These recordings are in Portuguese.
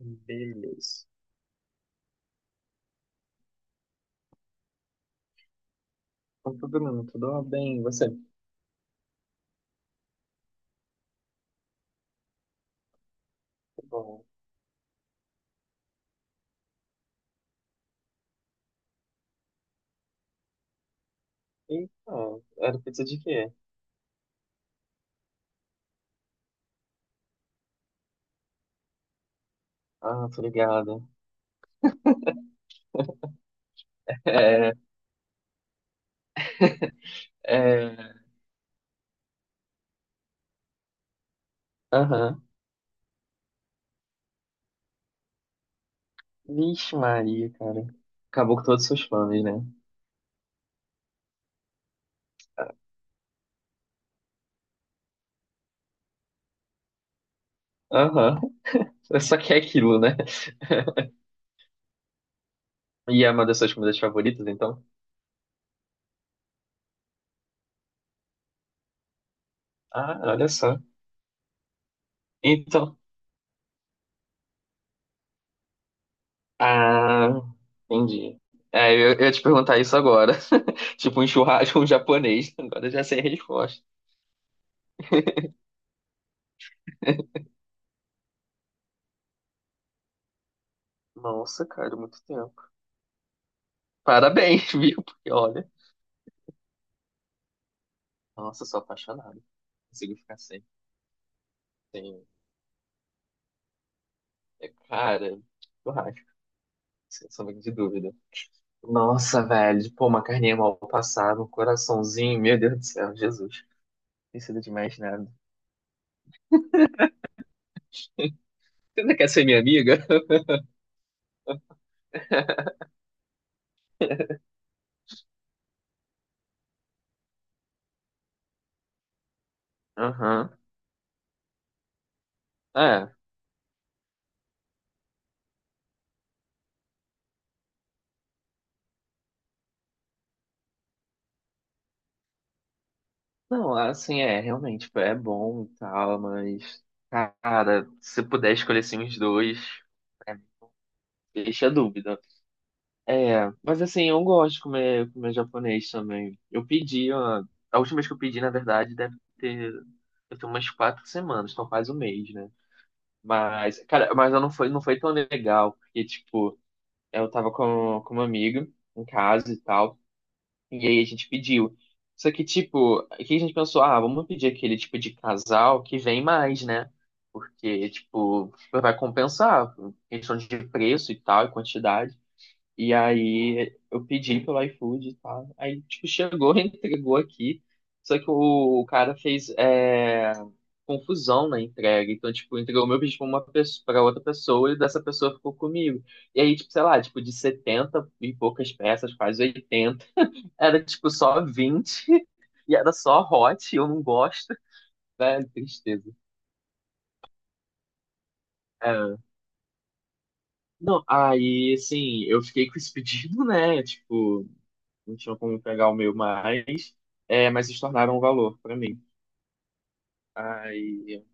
Beleza. Então, tudo bem, e você? Tá bom, eita, era pizza de quê? Ah, tô ligado. É, é, aham. Vixe Maria, cara. Acabou com todos os seus planos, né? Aham. É. Só que é aquilo, né? E é uma das suas comidas favoritas, então? Ah, olha só. Então. Ah, entendi. É, eu ia te perguntar isso agora. Tipo um churrasco, um japonês. Agora eu já sei a resposta. Nossa, cara, muito tempo. Parabéns, viu? Porque olha, nossa, eu sou apaixonado. Consigo ficar sem. Sem... é, cara, churrasco, sem sombra de dúvida. Nossa, velho, pô, uma carninha mal passada, um coraçãozinho, meu Deus do céu, Jesus. Precisa de mais nada. Você ainda quer ser minha amiga? Aham. É. Não, assim, é, realmente, tipo, é bom e tal, mas, cara, se puder escolher assim os dois, é, deixa a dúvida. É, mas assim, eu gosto de comer japonês também. Eu pedi, ó, a última vez que eu pedi, na verdade, deve ter umas 4 semanas, então quase um mês, né? Mas, cara, mas eu não foi, não foi tão legal, porque, tipo, eu tava com uma amiga em casa e tal, e aí a gente pediu. Só que, tipo, aqui a gente pensou, ah, vamos pedir aquele tipo de casal que vem mais, né? Porque, tipo, vai compensar, questão de preço e tal, e quantidade. E aí eu pedi pelo iFood e tal. Aí, tipo, chegou, entregou aqui. Só que o cara fez confusão na entrega. Então, tipo, entregou o meu pedido pra uma pessoa, pra outra pessoa e dessa pessoa ficou comigo. E aí, tipo, sei lá, tipo, de 70 e poucas peças, quase 80, era tipo só 20. E era só hot, eu não gosto. Velho, tristeza. É. Não, aí, assim, eu fiquei com esse pedido, né? Tipo, não tinham como pegar o meu mais, é, mas se tornaram um valor pra mim. Aí,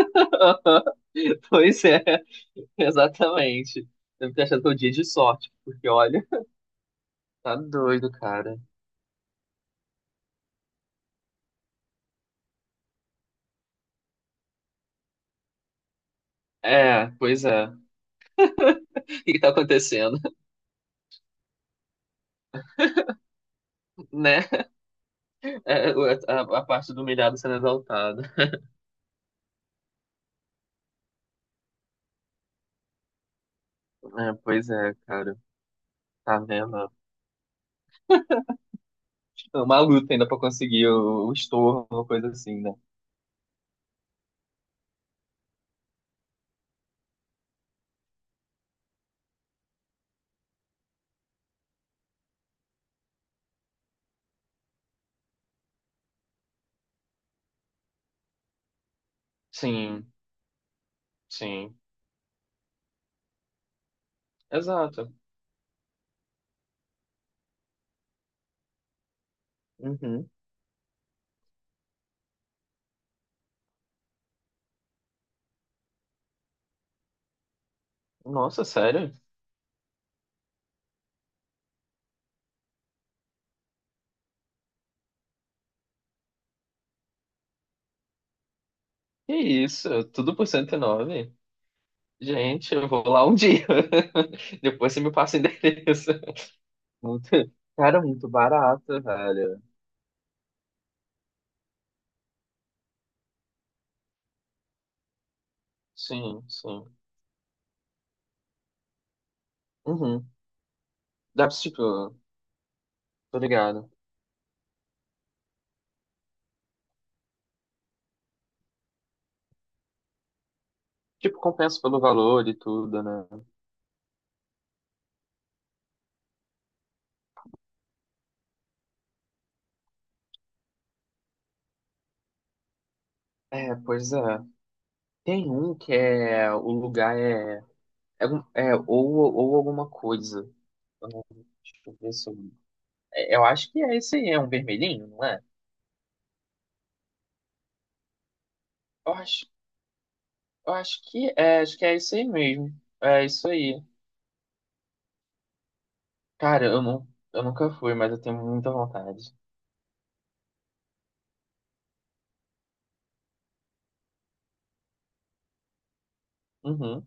pois é, exatamente. Deve ter achado que é um dia de sorte, porque olha, tá doido, cara. É, pois é. O que que tá acontecendo, né? É, a parte do humilhado sendo exaltada. É, pois é, cara. Tá vendo? É uma luta ainda pra conseguir o estorno, uma coisa assim, né? Sim, sim, exato. Uhum. Nossa, sério? Que isso? Tudo por 109? Gente, eu vou lá um dia. Depois você me passa o endereço. Muito... cara, muito barato, velho. Sim, sim. Uhum. Dá pra, tipo, tô ligado. Tipo, compensa pelo valor e tudo, né? É, pois é. Tem um que é. O lugar é. É, um- é ou alguma coisa. Eu não- deixa eu ver se eu. É, eu acho que é esse aí, é um vermelhinho, não é? Eu acho, eu acho que é, acho que é isso aí mesmo. É isso aí. Cara, eu, não, eu nunca fui, mas eu tenho muita vontade. Uhum.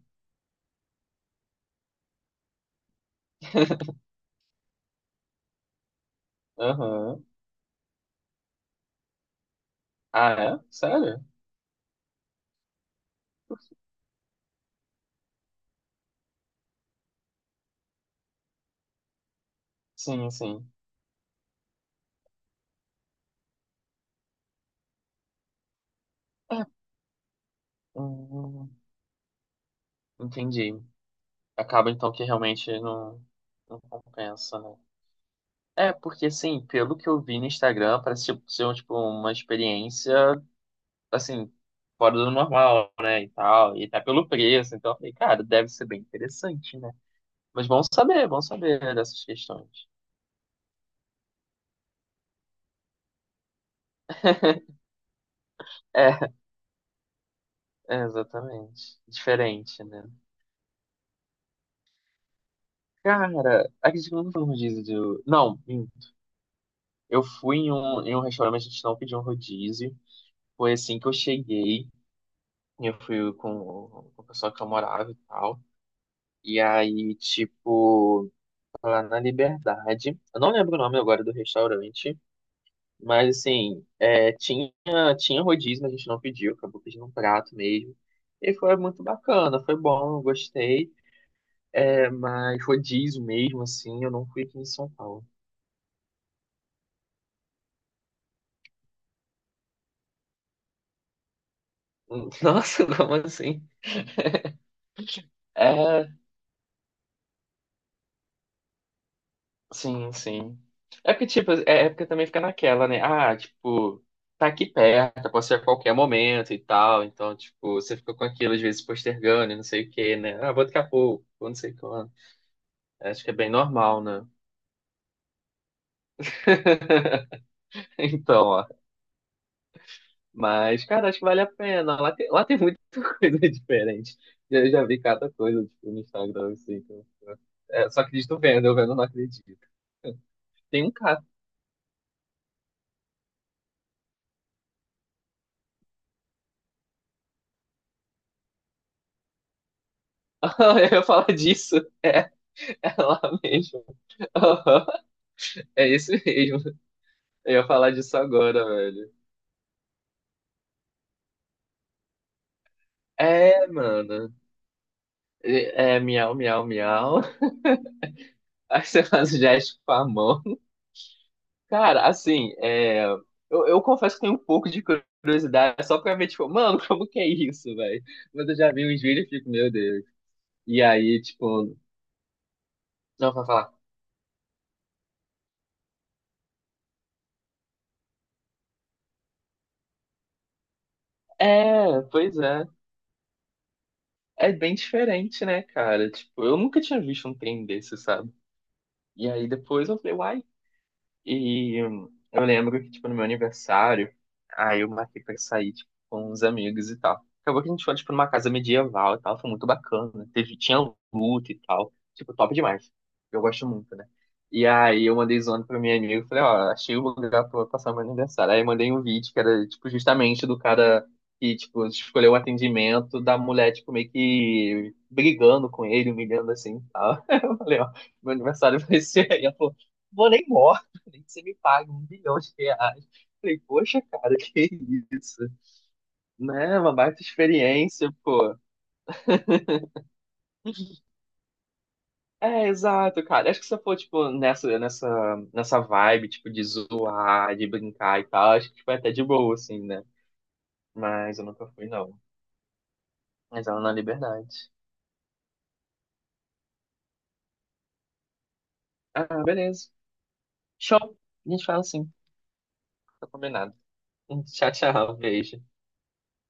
Aham. Ah, é? Sério? Sim, sim. Hum, entendi. Acaba então que realmente não, não compensa, né? É, porque assim, pelo que eu vi no Instagram, parece tipo, ser tipo, uma experiência, assim, fora do normal, né? E tal, e tá pelo preço. Então eu falei, cara, deve ser bem interessante, né? Mas vamos saber dessas questões. É, é, exatamente. Diferente, né? Cara, acredito que eu nunca fui no rodízio do. Não, eu fui em um restaurante, a gente não pediu um rodízio. Foi assim que eu cheguei. Eu fui com, com o pessoal que eu morava e tal. E aí, tipo, lá na Liberdade. Eu não lembro o nome agora do restaurante. Mas assim, é, tinha rodízio, mas a gente não pediu. Acabou pedindo um prato mesmo. E foi muito bacana, foi bom, eu gostei. É, mas rodízio mesmo, assim, eu não fui aqui em São Paulo. Nossa, como assim? É, sim, sim. É porque, tipo, é, é porque também fica naquela, né? Ah, tipo, tá aqui perto, pode ser a qualquer momento e tal. Então, tipo, você fica com aquilo, às vezes, postergando e não sei o quê, né? Ah, vou daqui a pouco, vou não sei quando. Acho que é bem normal, né? Então, ó. Mas, cara, acho que vale a pena. Lá tem muita coisa diferente. Eu já vi cada coisa, tipo, no Instagram, assim, é, só acredito vendo, eu vendo não acredito. Tem um cara. Eu ia falar disso. É, é lá mesmo. Aham, é isso mesmo. Eu ia falar disso agora, velho. É, mano. É, é, miau, miau, miau. Aí você faz o gesto com a mão. Cara, assim, é, eu confesso que tenho um pouco de curiosidade, só pra ver, tipo, mano, como que é isso, velho? Mas eu já vi uns vídeos e fico, meu Deus. E aí, tipo, não, vai falar, é, pois é. É bem diferente, né, cara? Tipo, eu nunca tinha visto um trem desse, sabe? E aí depois eu falei, uai, e eu lembro que, tipo, no meu aniversário, aí eu marquei pra sair, tipo, com uns amigos e tal. Acabou que a gente foi, tipo, numa casa medieval e tal, foi muito bacana. Teve, tinha luta e tal, tipo, top demais. Eu gosto muito, né? E aí eu mandei zoando pra minha amiga, falei, ó, achei o lugar pra passar meu aniversário. Aí eu mandei um vídeo que era, tipo, justamente do cara que, tipo, escolheu o atendimento da mulher, tipo, meio que brigando com ele, humilhando assim e tal. Eu falei, ó, meu aniversário vai ser aí. Ela falou, vou nem embora, falei, você me paga 1 bilhão de reais. Falei, poxa, cara, que isso? Né? Uma baita experiência, pô. É, exato, cara. Acho que se eu for, tipo, nessa vibe, tipo, de zoar, de brincar e tal, acho que foi até de boa, assim, né? Mas eu nunca fui, não. Mas ela na liberdade. Ah, beleza. Show. A gente fala assim, tá combinado. Tchau, tchau. Beijo.